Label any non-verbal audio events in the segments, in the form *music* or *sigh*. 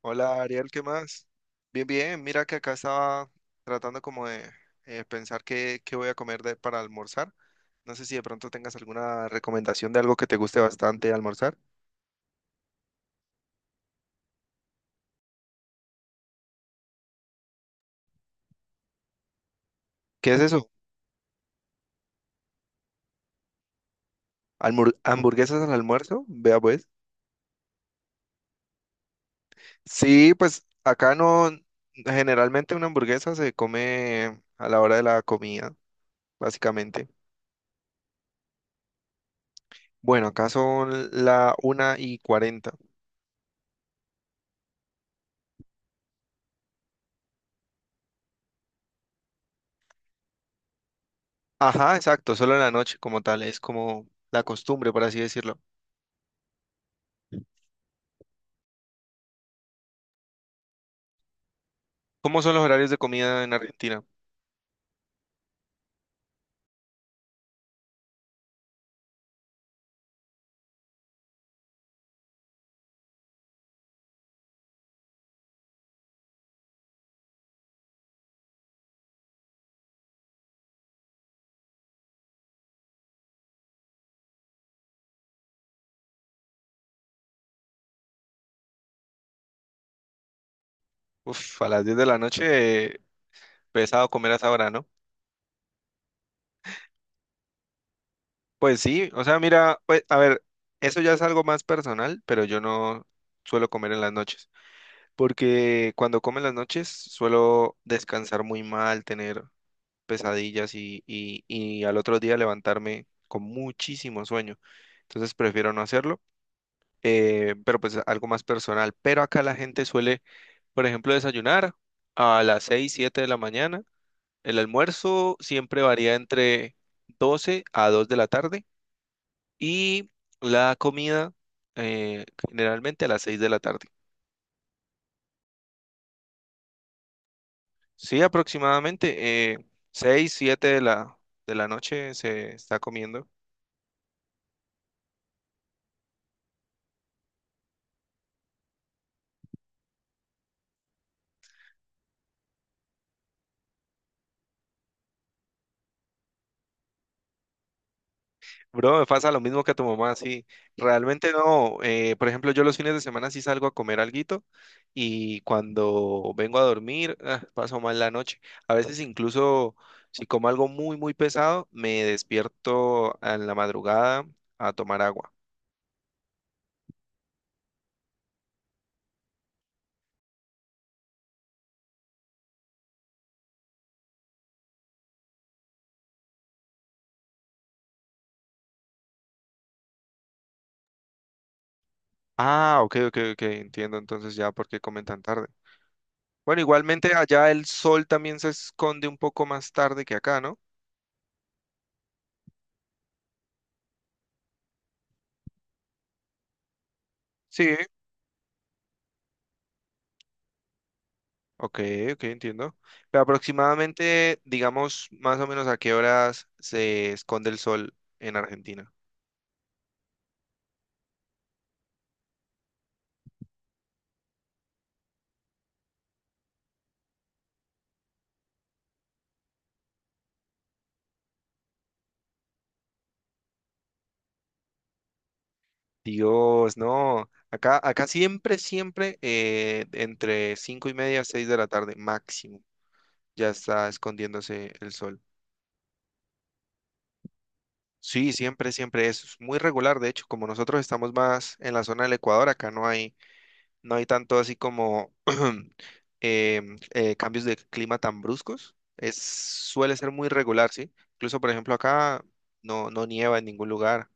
Hola Ariel, ¿qué más? Bien, bien, mira que acá estaba tratando como de pensar qué voy a comer para almorzar. No sé si de pronto tengas alguna recomendación de algo que te guste bastante almorzar. ¿Qué es eso? ¿Hamburguesas al almuerzo? Vea pues. Sí, pues acá no, generalmente una hamburguesa se come a la hora de la comida, básicamente. Bueno, acá son la 1:40. Ajá, exacto, solo en la noche como tal, es como la costumbre, por así decirlo. ¿Cómo son los horarios de comida en Argentina? Uf, a las 10 de la noche, eh, pesado comer a esa hora, ¿no? Pues sí, o sea, mira, pues, a ver, eso ya es algo más personal, pero yo no suelo comer en las noches, porque cuando como en las noches suelo descansar muy mal, tener pesadillas y al otro día levantarme con muchísimo sueño. Entonces prefiero no hacerlo, pero pues algo más personal. Pero acá la gente suele, por ejemplo, desayunar a las 6 7 de la mañana. El almuerzo siempre varía entre 12 a 2 de la tarde y la comida, eh, generalmente a las 6 de la tarde. Sí, aproximadamente 6, 7 de la noche se está comiendo. Bro, me pasa lo mismo que a tu mamá, sí. Realmente no. Por ejemplo, yo los fines de semana sí salgo a comer alguito y cuando vengo a dormir, ah, paso mal la noche. A veces incluso si como algo muy, muy pesado, me despierto en la madrugada a tomar agua. Ah, ok, ok, ok, entiendo entonces ya por qué comen tan tarde. Bueno, igualmente allá el sol también se esconde un poco más tarde que acá, ¿no? Sí. Ok, ok, entiendo. Pero aproximadamente, digamos, más o menos, ¿a qué horas se esconde el sol en Argentina? Dios, no. Acá, siempre, siempre entre 5:30, 6 de la tarde máximo, ya está escondiéndose el sol. Sí, siempre, siempre es muy regular. De hecho, como nosotros estamos más en la zona del Ecuador, acá no hay tanto así como *clears throat* cambios de clima tan bruscos. Es, suele ser muy regular, ¿sí? Incluso, por ejemplo, acá no, no nieva en ningún lugar.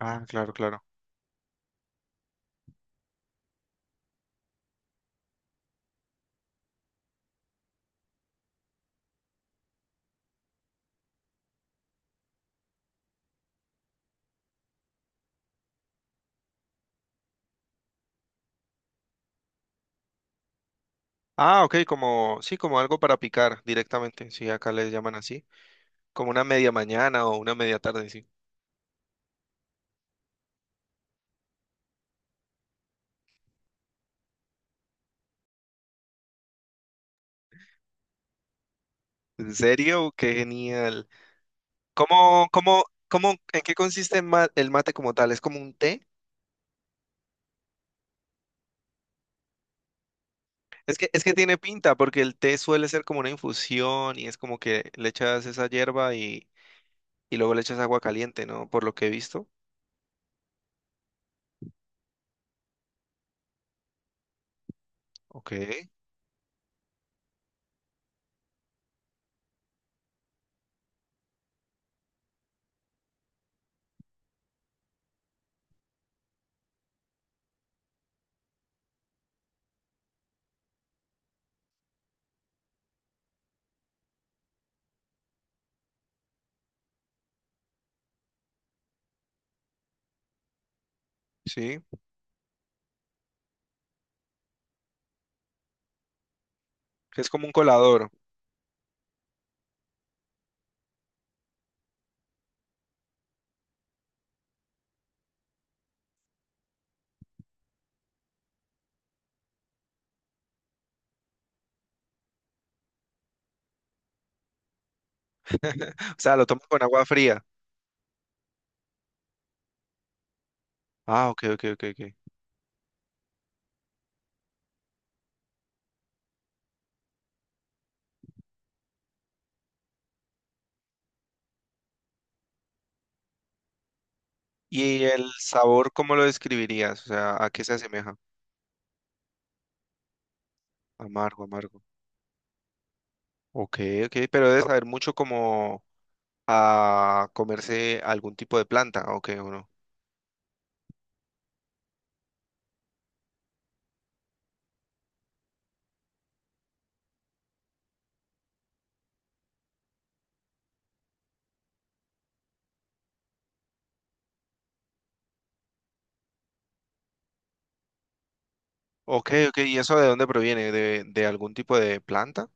Ah, claro, claro. Ah, ok, como, sí, como algo para picar directamente, sí, acá les llaman así, como una media mañana o una media tarde, sí. ¿En serio? ¡Qué genial! ¿Cómo, en qué consiste el mate como tal? ¿Es como un té? Es que tiene pinta, porque el té suele ser como una infusión y es como que le echas esa hierba y luego le echas agua caliente, ¿no? Por lo que he visto. Ok, sí. Que es como un colador. O sea, lo tomas con agua fría. Ah, ok, ok, ok, ok. ¿Y el sabor, cómo lo describirías? O sea, ¿a qué se asemeja? Amargo, amargo. Ok, ok, pero debe saber mucho como a comerse algún tipo de planta, ok, o no. Ok, ok, ¿y eso de dónde proviene? ¿De algún tipo de planta?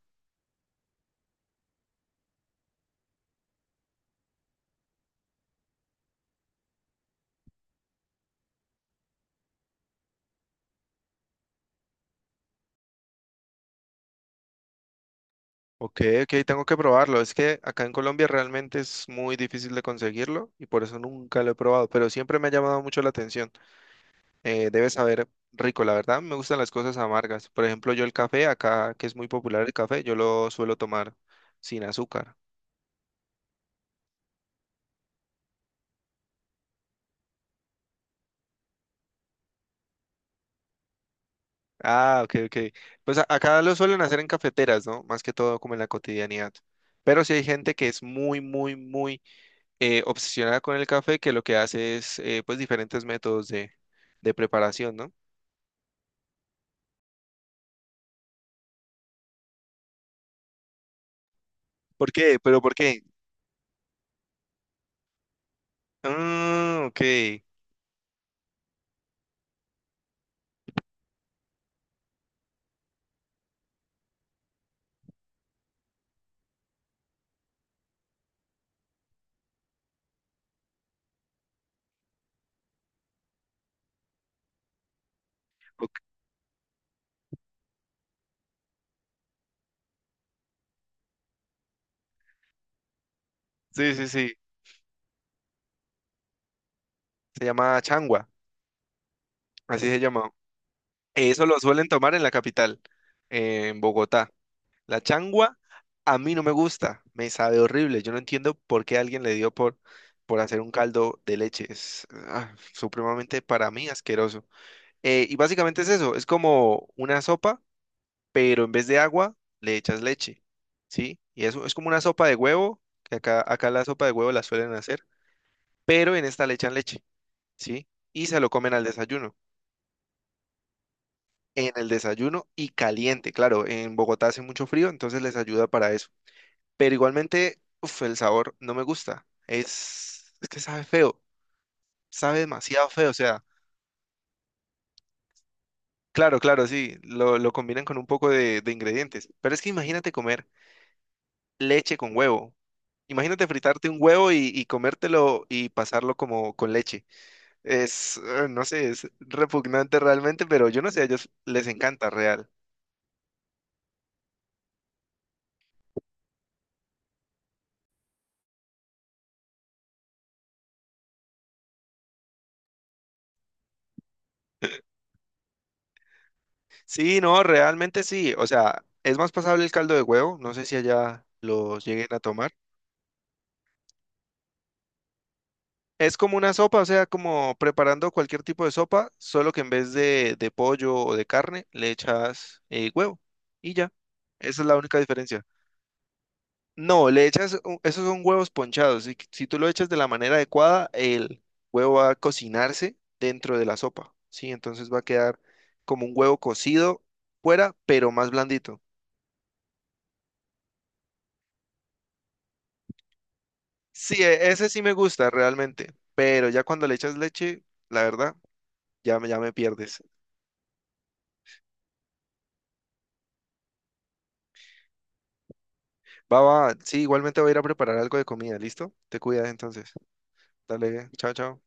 Ok, ok, tengo que probarlo. Es que acá en Colombia realmente es muy difícil de conseguirlo y por eso nunca lo he probado, pero siempre me ha llamado mucho la atención. Debes saber rico, la verdad, me gustan las cosas amargas. Por ejemplo, yo el café, acá que es muy popular el café, yo lo suelo tomar sin azúcar. Ah, ok, ok. Pues acá lo suelen hacer en cafeteras, ¿no? Más que todo como en la cotidianidad. Pero sí hay gente que es muy, muy, muy obsesionada con el café, que lo que hace es pues diferentes métodos de preparación, ¿no? ¿Por qué? ¿Pero por qué? Ah, ok. Ok, sí, sí, sí. Se llama changua, así se llama. Eso lo suelen tomar en la capital, en Bogotá. La changua a mí no me gusta, me sabe horrible. Yo no entiendo por qué alguien le dio por hacer un caldo de leche. Es supremamente para mí asqueroso. Y básicamente es eso, es como una sopa, pero en vez de agua le echas leche, ¿sí? Y eso es como una sopa de huevo, que acá la sopa de huevo la suelen hacer pero en esta le echan leche, ¿sí? Y se lo comen al desayuno, en el desayuno y caliente, claro, en Bogotá hace mucho frío, entonces les ayuda para eso. Pero igualmente, uf, el sabor no me gusta, es que sabe feo, sabe demasiado feo, o sea, claro, claro, sí, lo combinan con un poco de ingredientes, pero es que imagínate comer leche con huevo. Imagínate fritarte un huevo y comértelo y pasarlo como con leche. No sé, es repugnante realmente, pero yo no sé, a ellos les encanta real. Sí, no, realmente sí. O sea, es más pasable el caldo de huevo. No sé si allá los lleguen a tomar. Es como una sopa, o sea, como preparando cualquier tipo de sopa, solo que en vez de pollo o de carne, le echas huevo y ya. Esa es la única diferencia. No, le echas, esos son huevos ponchados. Si tú lo echas de la manera adecuada, el huevo va a cocinarse dentro de la sopa. Sí, entonces va a quedar como un huevo cocido fuera, pero más blandito. Sí, ese sí me gusta realmente, pero ya cuando le echas leche, la verdad, ya me pierdes. Va, va, sí, igualmente voy a ir a preparar algo de comida, ¿listo? Te cuidas entonces. Dale, chao, chao.